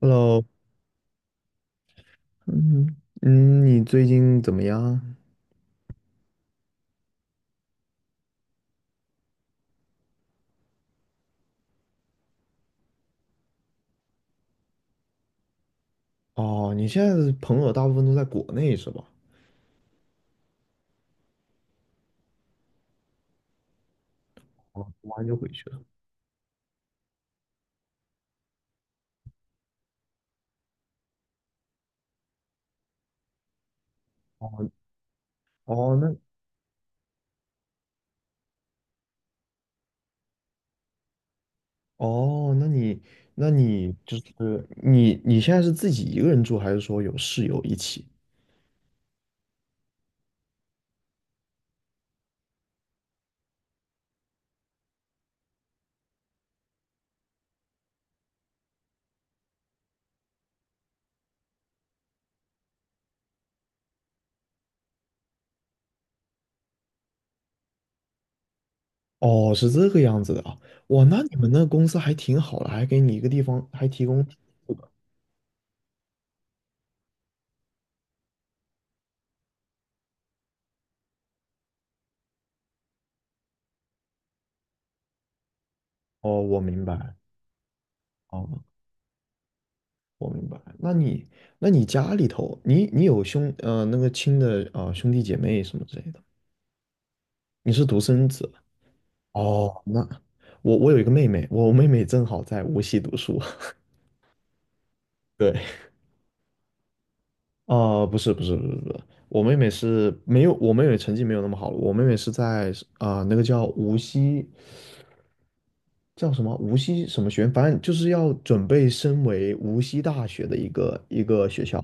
Hello，嗯你最近怎么样？哦，你现在的朋友大部分都在国内是吧？哦，读完就回去了。哦，哦，那哦，那你那你现在是自己一个人住，还是说有室友一起？哦，是这个样子的啊。哇，那你们那个公司还挺好的，还给你一个地方，还提供。哦，我明白。哦，我明白。那你，那你家里头，你你有兄呃那个亲的呃兄弟姐妹什么之类的吗？你是独生子？哦，那我，我有一个妹妹，我妹妹正好在无锡读书。对。啊，不是不是不是不是，我妹妹是没有，我妹妹成绩没有那么好了，我妹妹是在，啊、那个叫无锡叫什么无锡什么学院，反正就是要准备升为无锡大学的一个学校。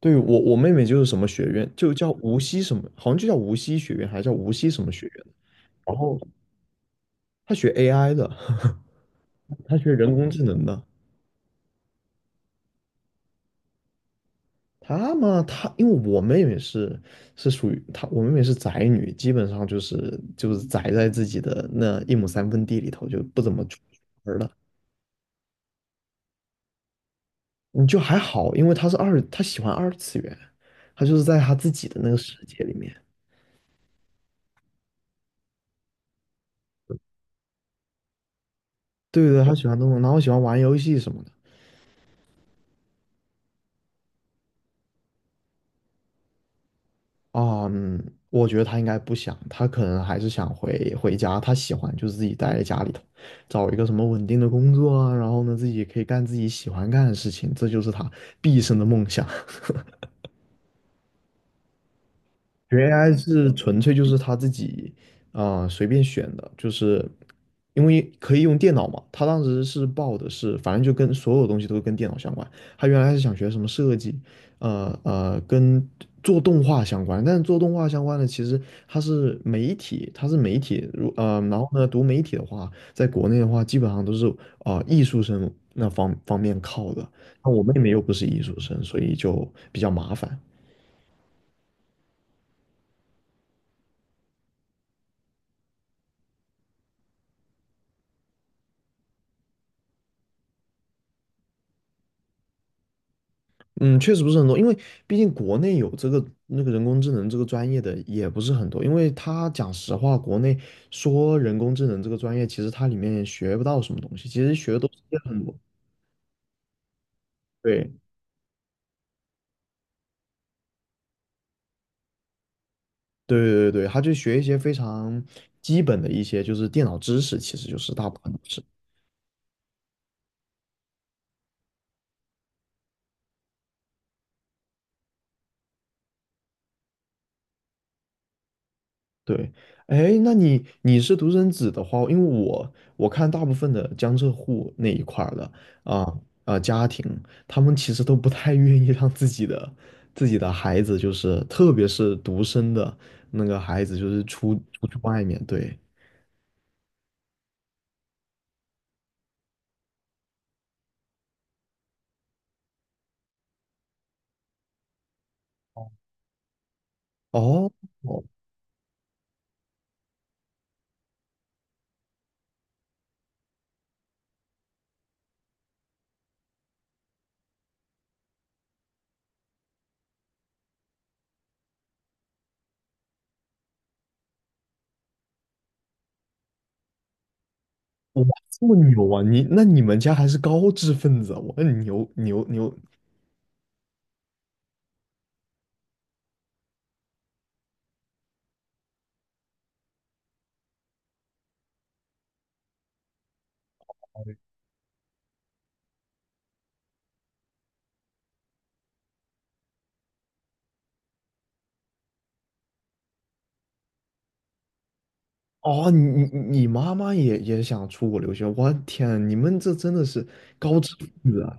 对，我我妹妹就是什么学院，就叫无锡什么，好像就叫无锡学院，还是叫无锡什么学院。然后她学 AI 的，她学人工智能的。她嘛，她因为我妹妹是是属于她，我妹妹是宅女，基本上就是宅在自己的那一亩三分地里头，就不怎么出门了。还好，因为她喜欢二次元，她就是在她自己的那个世界里面。对对，她喜欢动漫，然后喜欢玩游戏什么的。啊，嗯，我觉得她应该不想，她可能还是想回家。她喜欢就是自己待在家里头，找一个什么稳定的工作啊，然后呢，自己可以干自己喜欢干的事情，这就是她毕生的梦想。学 AI 是纯粹就是他自己随便选的，就是因为可以用电脑嘛。他当时是报的是，反正就跟所有东西都跟电脑相关。他原来是想学什么设计，跟做动画相关，但是做动画相关的其实，他是媒体，他是媒体，如呃，然后呢，读媒体的话，在国内的话，基本上都是艺术生那方面靠的。那我妹妹又不是艺术生，所以就比较麻烦。嗯，确实不是很多，因为毕竟国内有这个那个人工智能这个专业的也不是很多。因为他讲实话，国内说人工智能这个专业，其实它里面也学不到什么东西，其实学的都是一些很多，对对对对，他就学一些非常基本的一些就是电脑知识，其实就是大部分都是。对。哎，那你，你是独生子的话，因为我看大部分的江浙沪那一块儿的啊家庭，他们其实都不太愿意让自己的孩子，就是特别是独生的那个孩子，就是出去外面。对。哦。哦，哇，这么牛啊！你那你们家还是高知分子啊，我很牛！哦，你妈妈也想出国留学，我的天啊，你们这真的是高知分子啊！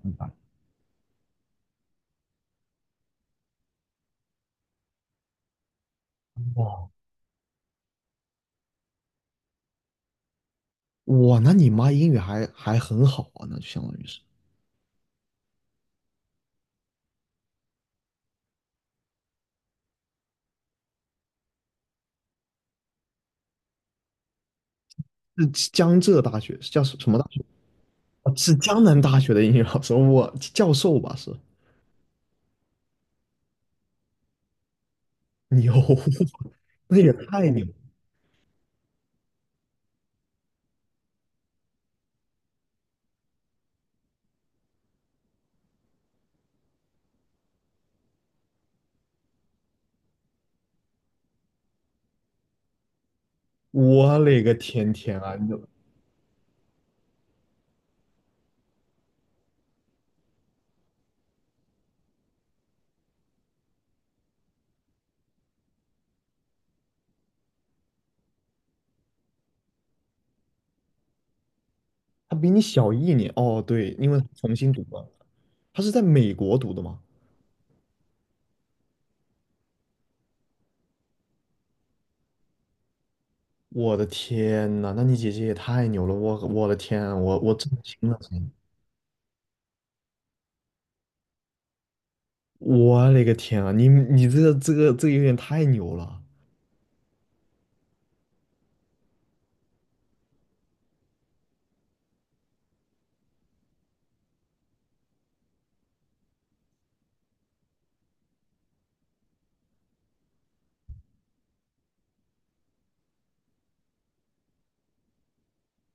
哇，哇，那你妈英语还很好啊，那就相当于是，是江浙大学，是叫什，什么大学？哦，是江南大学的英语老师，我，教授吧是？牛。那也太牛！我勒个天啊！你，他比你小一年哦？对，因为重新读嘛，他是在美国读的嘛。我的天呐，那你姐姐也太牛了！我的天啊，我震惊了，真的。我勒个天啊！你你这个有点太牛了。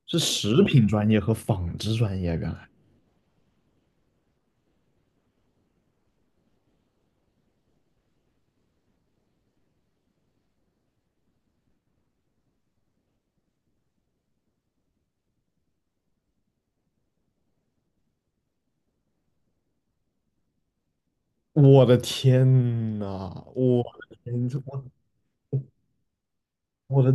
是食品专业和纺织专业，原来。我的天呐，我的天，这我我的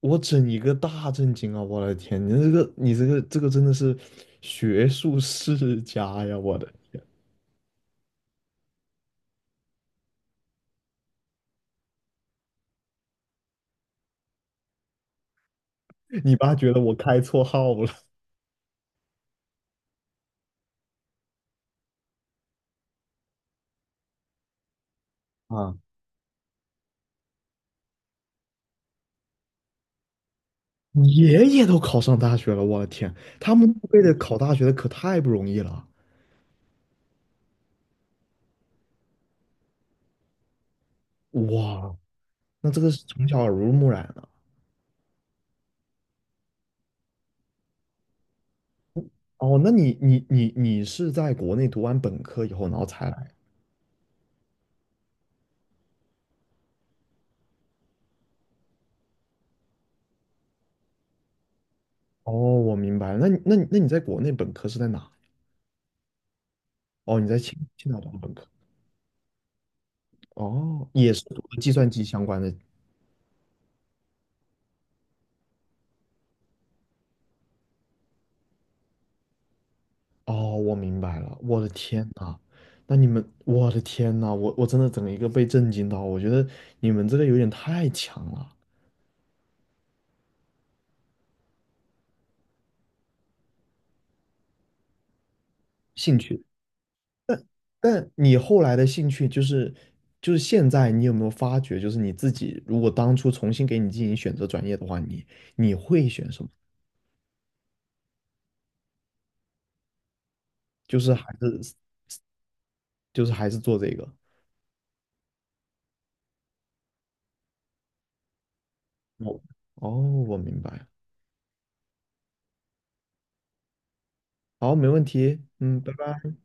我整一个大震惊啊！我的天，你这个真的是学术世家呀！我的天，你爸觉得我开错号了啊。你爷爷都考上大学了，我的天，他们那辈的考大学的可太不容易了。哇，那这个是从小耳濡目染了。哦，那你你是在国内读完本科以后，然后才来？哦，我明白了。那你在国内本科是在哪？哦，你在青岛读的本科。哦，也是读的计算机相关的。哦，我明白了。我的天呐，那你们，我的天呐，我真的整一个被震惊到。我觉得你们这个有点太强了，兴趣。但你后来的兴趣就是，就是现在你有没有发觉，就是你自己如果当初重新给你进行选择专业的话，你，你会选什么？就是还是还是做这个。我，哦，我明白了。好，没问题，嗯，拜拜。